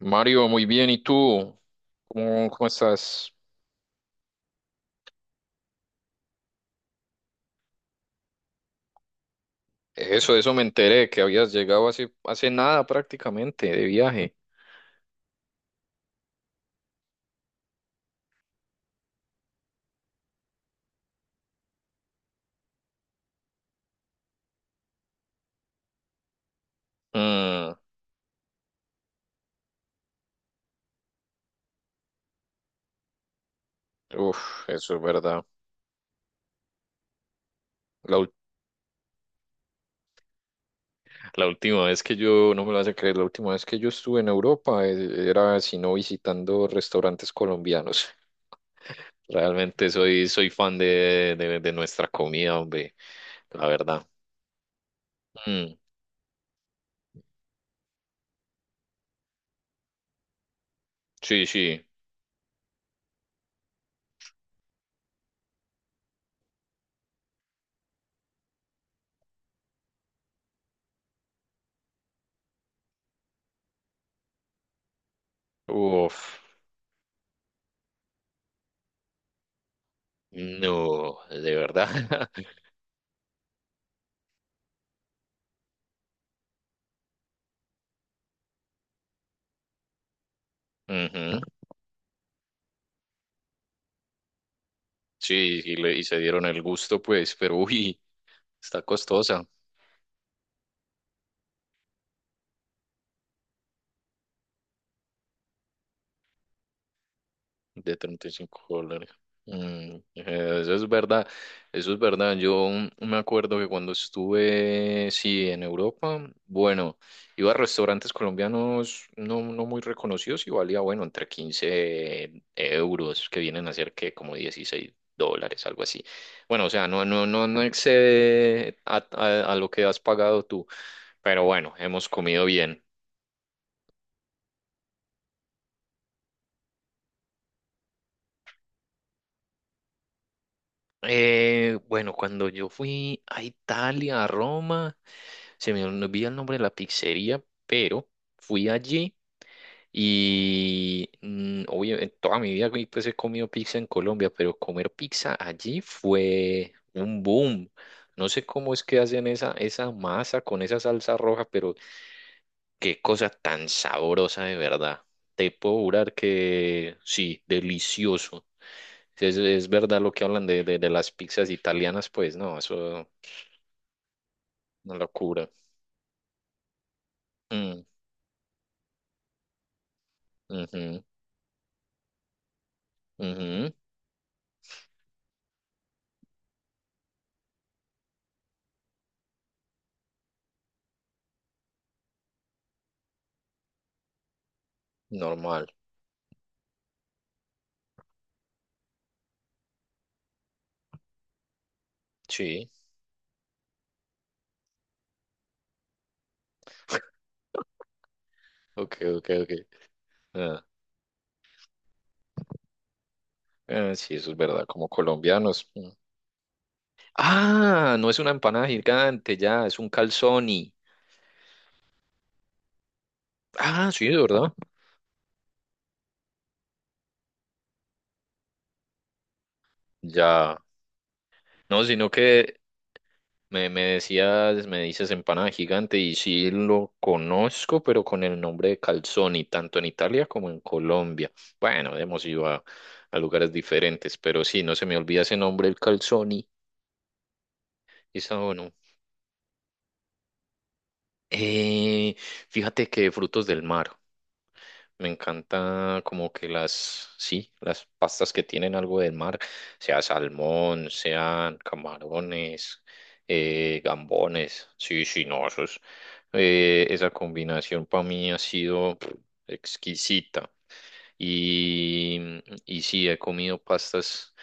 Mario, muy bien. ¿Y tú? ¿Cómo estás? Eso me enteré, que habías llegado hace nada prácticamente de viaje. Mm, uf, eso es verdad. La, ul- la última vez que yo, no me lo vas a creer, la última vez que yo estuve en Europa era, si no, visitando restaurantes colombianos. Realmente soy fan de nuestra comida, hombre, la verdad. Mm, sí, sí. Uf, no, de verdad. Ujú. Sí, y se dieron el gusto, pues, pero uy, está costosa, de $35. Mm, eso es verdad, eso es verdad. Yo me acuerdo que cuando estuve, sí, en Europa, bueno, iba a restaurantes colombianos no muy reconocidos y valía, bueno, entre 15 euros, que vienen a ser que como 16 dólares, algo así. Bueno, o sea, no excede a lo que has pagado tú, pero bueno, hemos comido bien. Bueno, cuando yo fui a Italia, a Roma, se me olvida el nombre de la pizzería, pero fui allí y obviamente toda mi vida güey, pues he comido pizza en Colombia, pero comer pizza allí fue un boom. No sé cómo es que hacen esa masa con esa salsa roja, pero qué cosa tan sabrosa de verdad. Te puedo jurar que sí, delicioso. Si. Es verdad lo que hablan de las pizzas italianas, pues no, eso una locura. Mm, ujú, ujú, normal, sí, ok, ok, ok. Ah, ah, sí, eso es verdad, como colombianos. Mm. Ah, no es una empanada gigante, ya, es un calzoni. Ah, sí, es verdad. Ya, no, sino que me decías, me dices empanada gigante y sí lo conozco, pero con el nombre de calzoni, tanto en Italia como en Colombia. Bueno, hemos ido a lugares diferentes, pero sí, no se me olvida ese nombre, el calzoni. Está bueno. Eh, Fíjate que frutos del mar. Me encanta como que sí, las pastas que tienen algo del mar, sea salmón, sean camarones, gambones. Sí, sí, no, esa combinación para mí ha sido pff, exquisita. Y, y sí, he comido pastas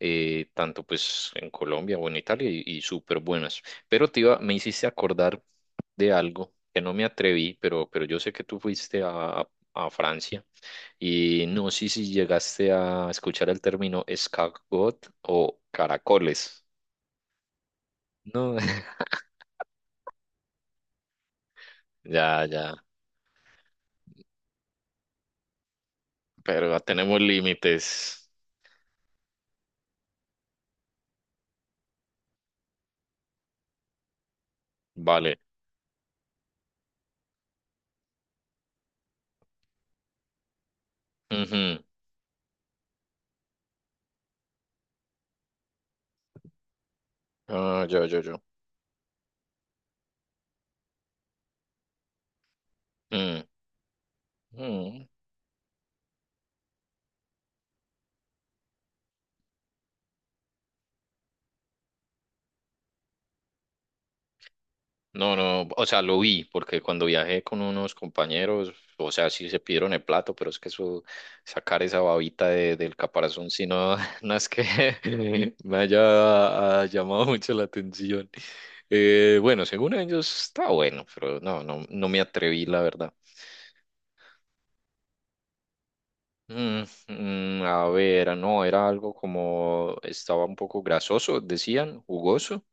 tanto pues en Colombia o en Italia, y súper buenas. Pero me hiciste acordar de algo que no me atreví, pero yo sé que tú fuiste a Francia. Y no sé si llegaste a escuchar el término escargot o caracoles. No, ya, ya. Pero tenemos límites. Vale. Ujú. Ah, yo, yo, yo. Mm. Mm. No, no, o sea, lo vi, porque cuando viajé con unos compañeros, o sea, sí se pidieron el plato, pero es que eso, sacar esa babita del caparazón, si no, no es que me haya llamado mucho la atención. Bueno, según ellos está bueno, pero no me atreví, la verdad. Mm, mm, a ver, no, era algo como, estaba un poco grasoso, decían, jugoso,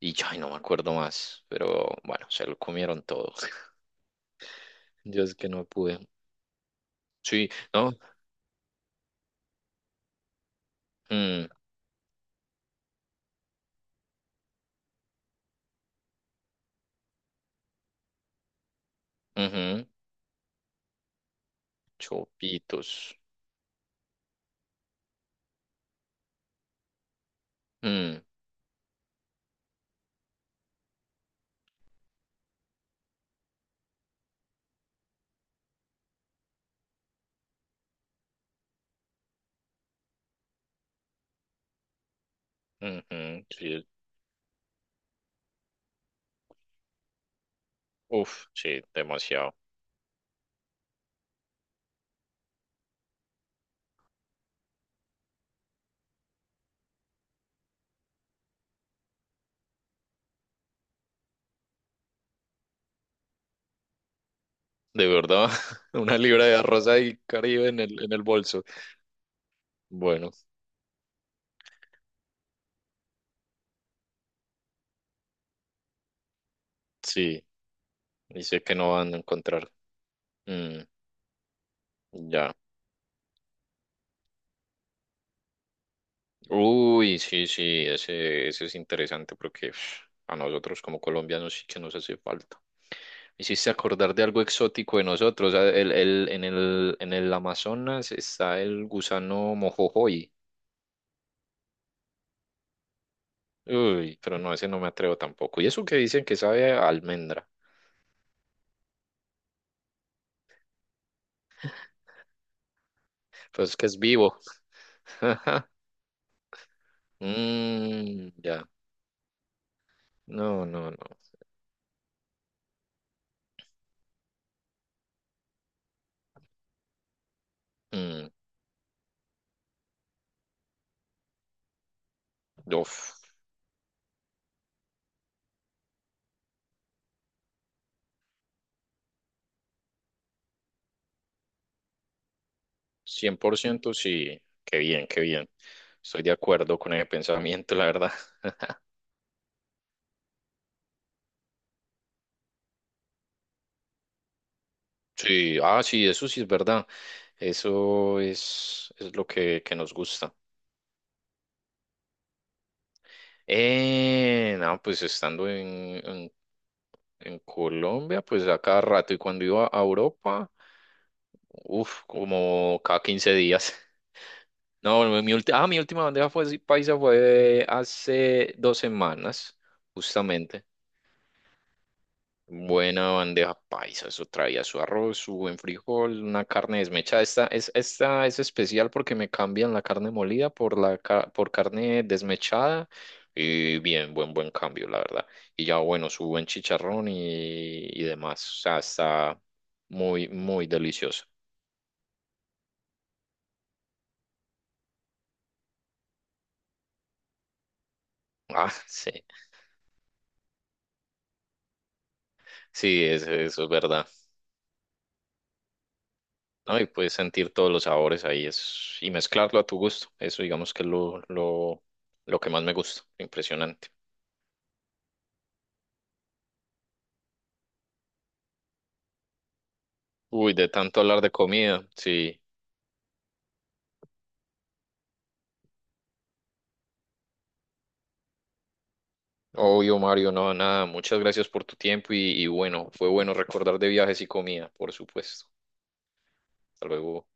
y ay, no me acuerdo más, pero bueno, se lo comieron todo. Yo es que no pude. Sí, ¿no? Mm, ujú, chopitos. Mm, ujú, sí, uf, sí, demasiado. De verdad, una libra de arroz ahí, Caribe, en el bolso. Bueno, sí, y sé que no van a encontrar. Mm, ya. Uy, sí, sí, ese es interesante porque uf, a nosotros como colombianos sí que nos hace falta. Me hiciste acordar de algo exótico de nosotros. En el Amazonas está el gusano mojojoy. Uy, pero no, ese no me atrevo tampoco. Y eso que dicen que sabe a almendra, pues es que es vivo. Mm, ya. No, no, no. Mm, uf, 100% sí. Qué bien, qué bien. Estoy de acuerdo con ese pensamiento, la verdad. Sí, ah, sí, eso sí es verdad. Eso es lo que nos gusta. No, pues estando en Colombia, pues a cada rato. Y cuando iba a Europa, uf, como cada 15 días. No, mi última bandeja fue, sí, paisa fue hace 2 semanas, justamente. Buena bandeja paisa, eso traía su arroz, su buen frijol, una carne desmechada. Esta es especial porque me cambian la carne molida por carne desmechada. Y bien, buen cambio, la verdad. Y ya, bueno, su buen chicharrón y demás. O sea, está muy, muy delicioso. Ah, sí. Sí, eso es verdad. ¿No? Y puedes sentir todos los sabores ahí es, y mezclarlo a tu gusto. Eso digamos que es lo que más me gusta. Impresionante. Uy, de tanto hablar de comida. Sí. Obvio, Mario, no, nada. Muchas gracias por tu tiempo y bueno, fue bueno recordar de viajes y comida, por supuesto. Hasta luego.